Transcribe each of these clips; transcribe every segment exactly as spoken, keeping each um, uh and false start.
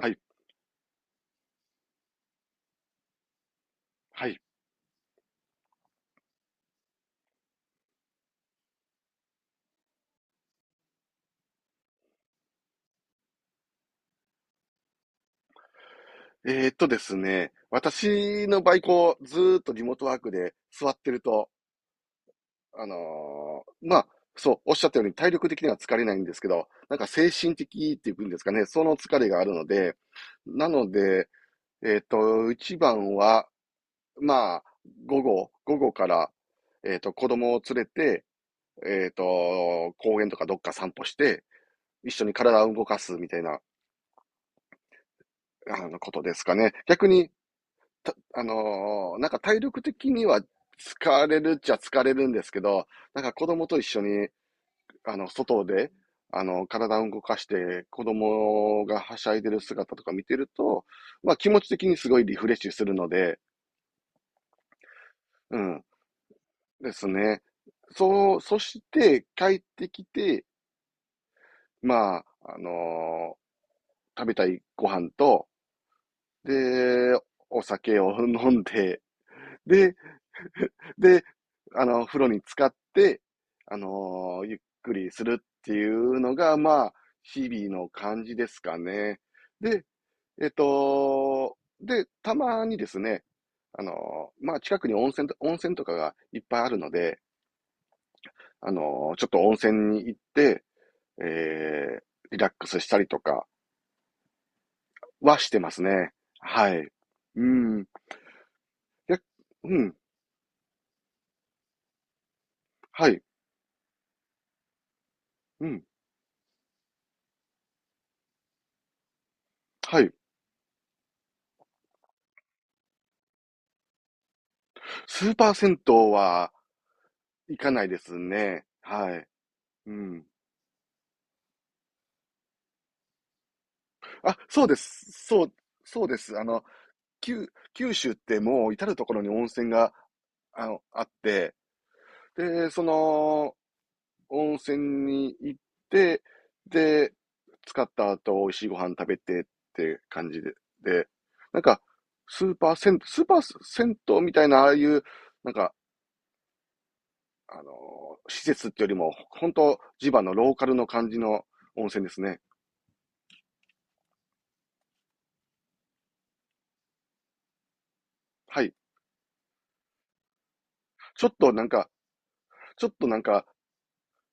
はい、はい。えーっとですね、私の場合、こう、ずーっとリモートワークで座ってると、あのーまあ、そう、おっしゃったように体力的には疲れないんですけど、なんか精神的っていうんですかね、その疲れがあるので。なので、えーっと、一番は、まあ、午後、午後から、えーっと、子供を連れて、えーっと、公園とかどっか散歩して、一緒に体を動かすみたいな、あの、ことですかね。逆に、た、あのーなんか体力的には疲れるっちゃ疲れるんですけど、なんか子供と一緒に、あの、外で、あの、体を動かして、子供がはしゃいでる姿とか見てると、まあ気持ち的にすごいリフレッシュするので。うん、ですね。そう、そして帰ってきて、まあ、あのー食べたいご飯と、で、お酒を飲んで、で、で、あの、風呂に浸かって、あのーゆっくりするっていうのが、まあ、日々の感じですかね。で、えっと、で、たまにですね、あのーまあ、近くに温泉と、温泉とかがいっぱいあるので、あのーちょっと温泉に行って、えー、リラックスしたりとかはしてますね。はい。うん。や、うん。はい。うん。はい。スーパー銭湯は、行かないですね。はい。うん。あ、そうです。そう、そうです。あの、きゅ九州ってもう至るところに温泉が、あの、あって、で、その温泉に行って、で、使った後、美味しいご飯食べてって感じで、で、なんか、スーパー銭、スーパー銭湯みたいな、ああいう、なんか、あの施設ってよりも、本当地場のローカルの感じの温泉ですね。はい。ちょっとなんか、ちょっとなんか、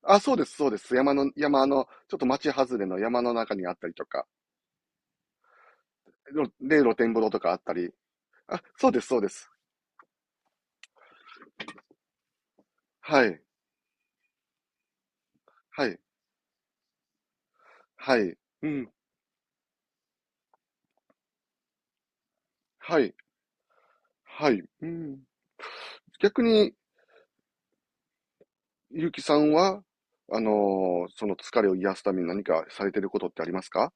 あ、そうです、そうです。山の、山の、ちょっと町外れの山の中にあったりとか、で、露天風呂とかあったり。あ、そうです、そうです。はい、はい、はい、うん、はい、はい、うん。逆に、ゆうきさんは、あのーその疲れを癒すために何かされてることってありますか？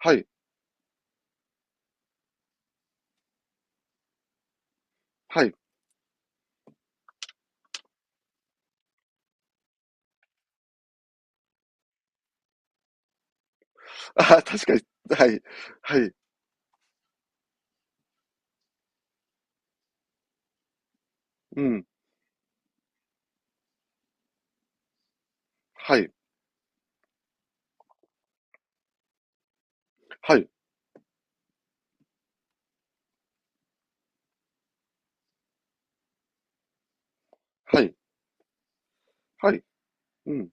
はい、はい。あ、確かに、はい、はい、うん、はい、はい、はい、はい、うん、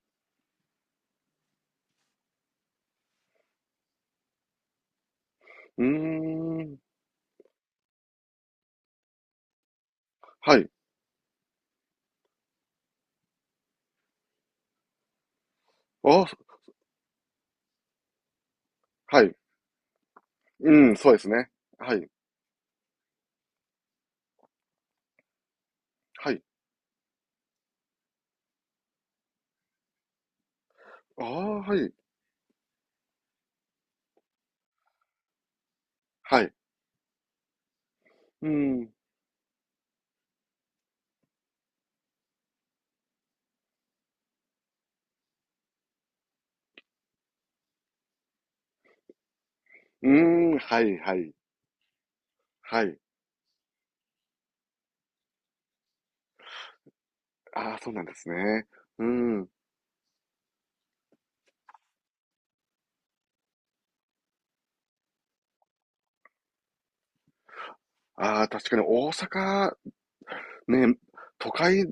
うーん、はい、あ、はい、うん、そうですね。はい。はい。ああ、はい。はい。うん。うーん、はいはい。はい。ああ、そうなんですね。うん。ああ、確かに大阪、ね、都会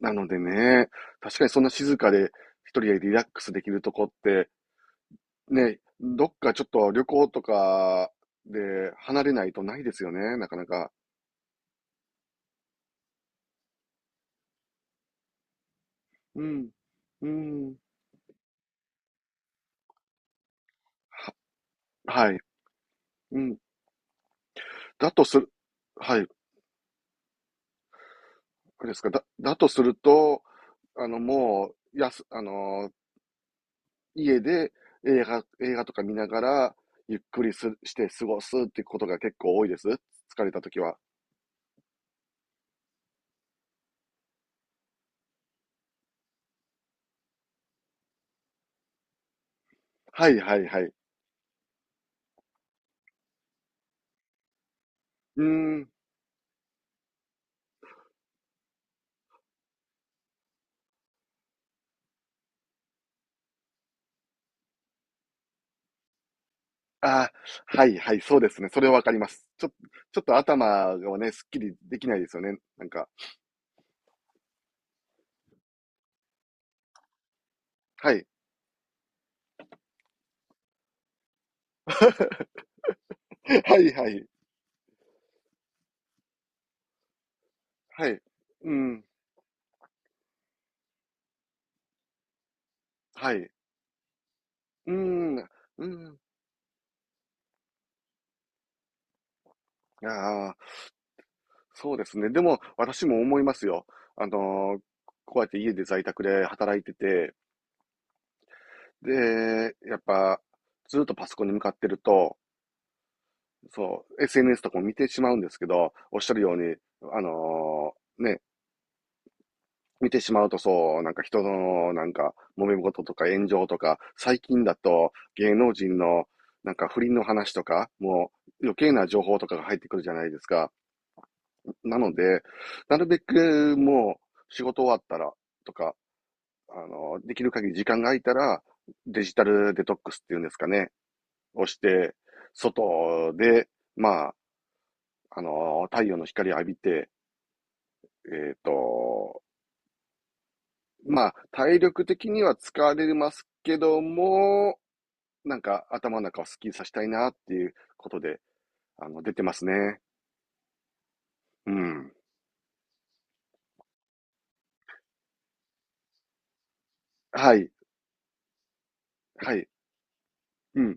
なのでね、確かにそんな静かで一人でリラックスできるとこって、ね、どっかちょっと旅行とかで離れないとないですよね、なかなか。うん。うん。は、はい。うん。だとする、はい。ですか。だ、だとすると、あの、もう、やす、あの、家で映画、映画とか見ながら、ゆっくりする、して過ごすってことが結構多いです。疲れた時は。はいはいはい。うーん。あー、はいはい、そうですね。それはわかります。ちょ、ちょっと頭がね、すっきりできないですよね。なんか。はい。はいはい。はい。うん。はい。うーん。うん。ああ。そうですね。でも、私も思いますよ。あの、こうやって家で在宅で働いてて、で、やっぱ、ずっとパソコンに向かってると、そう、エスエヌエス とかも見てしまうんですけど、おっしゃるように、あのーね、見てしまうとそう、なんか人の、なんか、揉め事とか炎上とか、最近だと芸能人の、なんか不倫の話とか、もう余計な情報とかが入ってくるじゃないですか。なので、なるべくもう仕事終わったらとか、あの、できる限り時間が空いたら、デジタルデトックスっていうんですかね、をして、外で、まあ、あの、太陽の光を浴びて、えっと、まあ、体力的には疲れますけども、なんか頭の中をスッキリさせたいなっていうことで、あの、出てますね。うん。はい。はい。うん。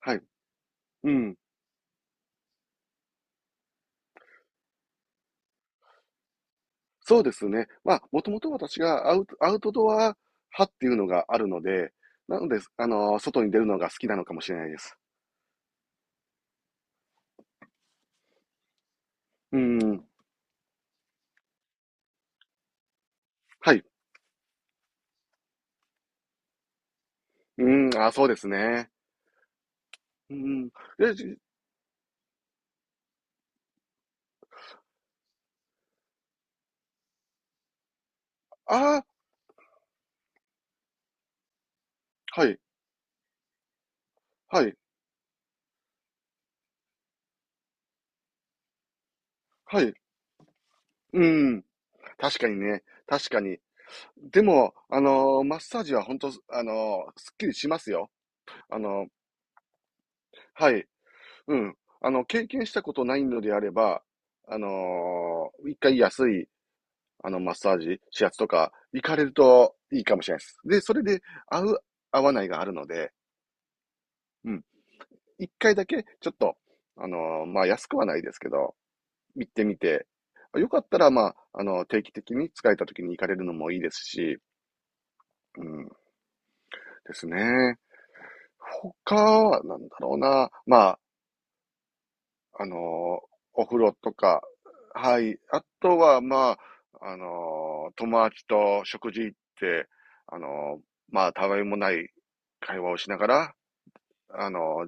はい。うん。そうですね。まあ、もともと私がアウト、アウトドア派っていうのがあるので、なので、あのー外に出るのが好きなのかもしれないです。うん。はい。うん。あ、そうですね。うん。で、じ、ああ、はい。はい。はい。うん。確かにね。確かに。でも、あのーマッサージは本当、あのーすっきりしますよ。あのー、はい。うん。あの、経験したことないのであれば、あのー一回安い、あの、マッサージ、指圧とか、行かれるといいかもしれないです。で、それで、合う、合わないがあるので、うん。一回だけ、ちょっと、あのーまあ、安くはないですけど、行ってみて、よかったら、まあ、あの、定期的に使えた時に行かれるのもいいですし。うん。ですね。他は、なんだろうな。まあ、あの、お風呂とか、はい。あとは、まあ、あの、友達と食事行って、あの、まあ、たわいもない会話をしながら、あの、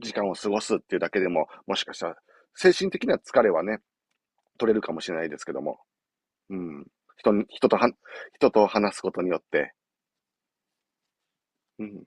時間を過ごすっていうだけでも、もしかしたら、精神的な疲れはね、取れるかもしれないですけども。うん。人に、人とは、人と話すことによって、うん。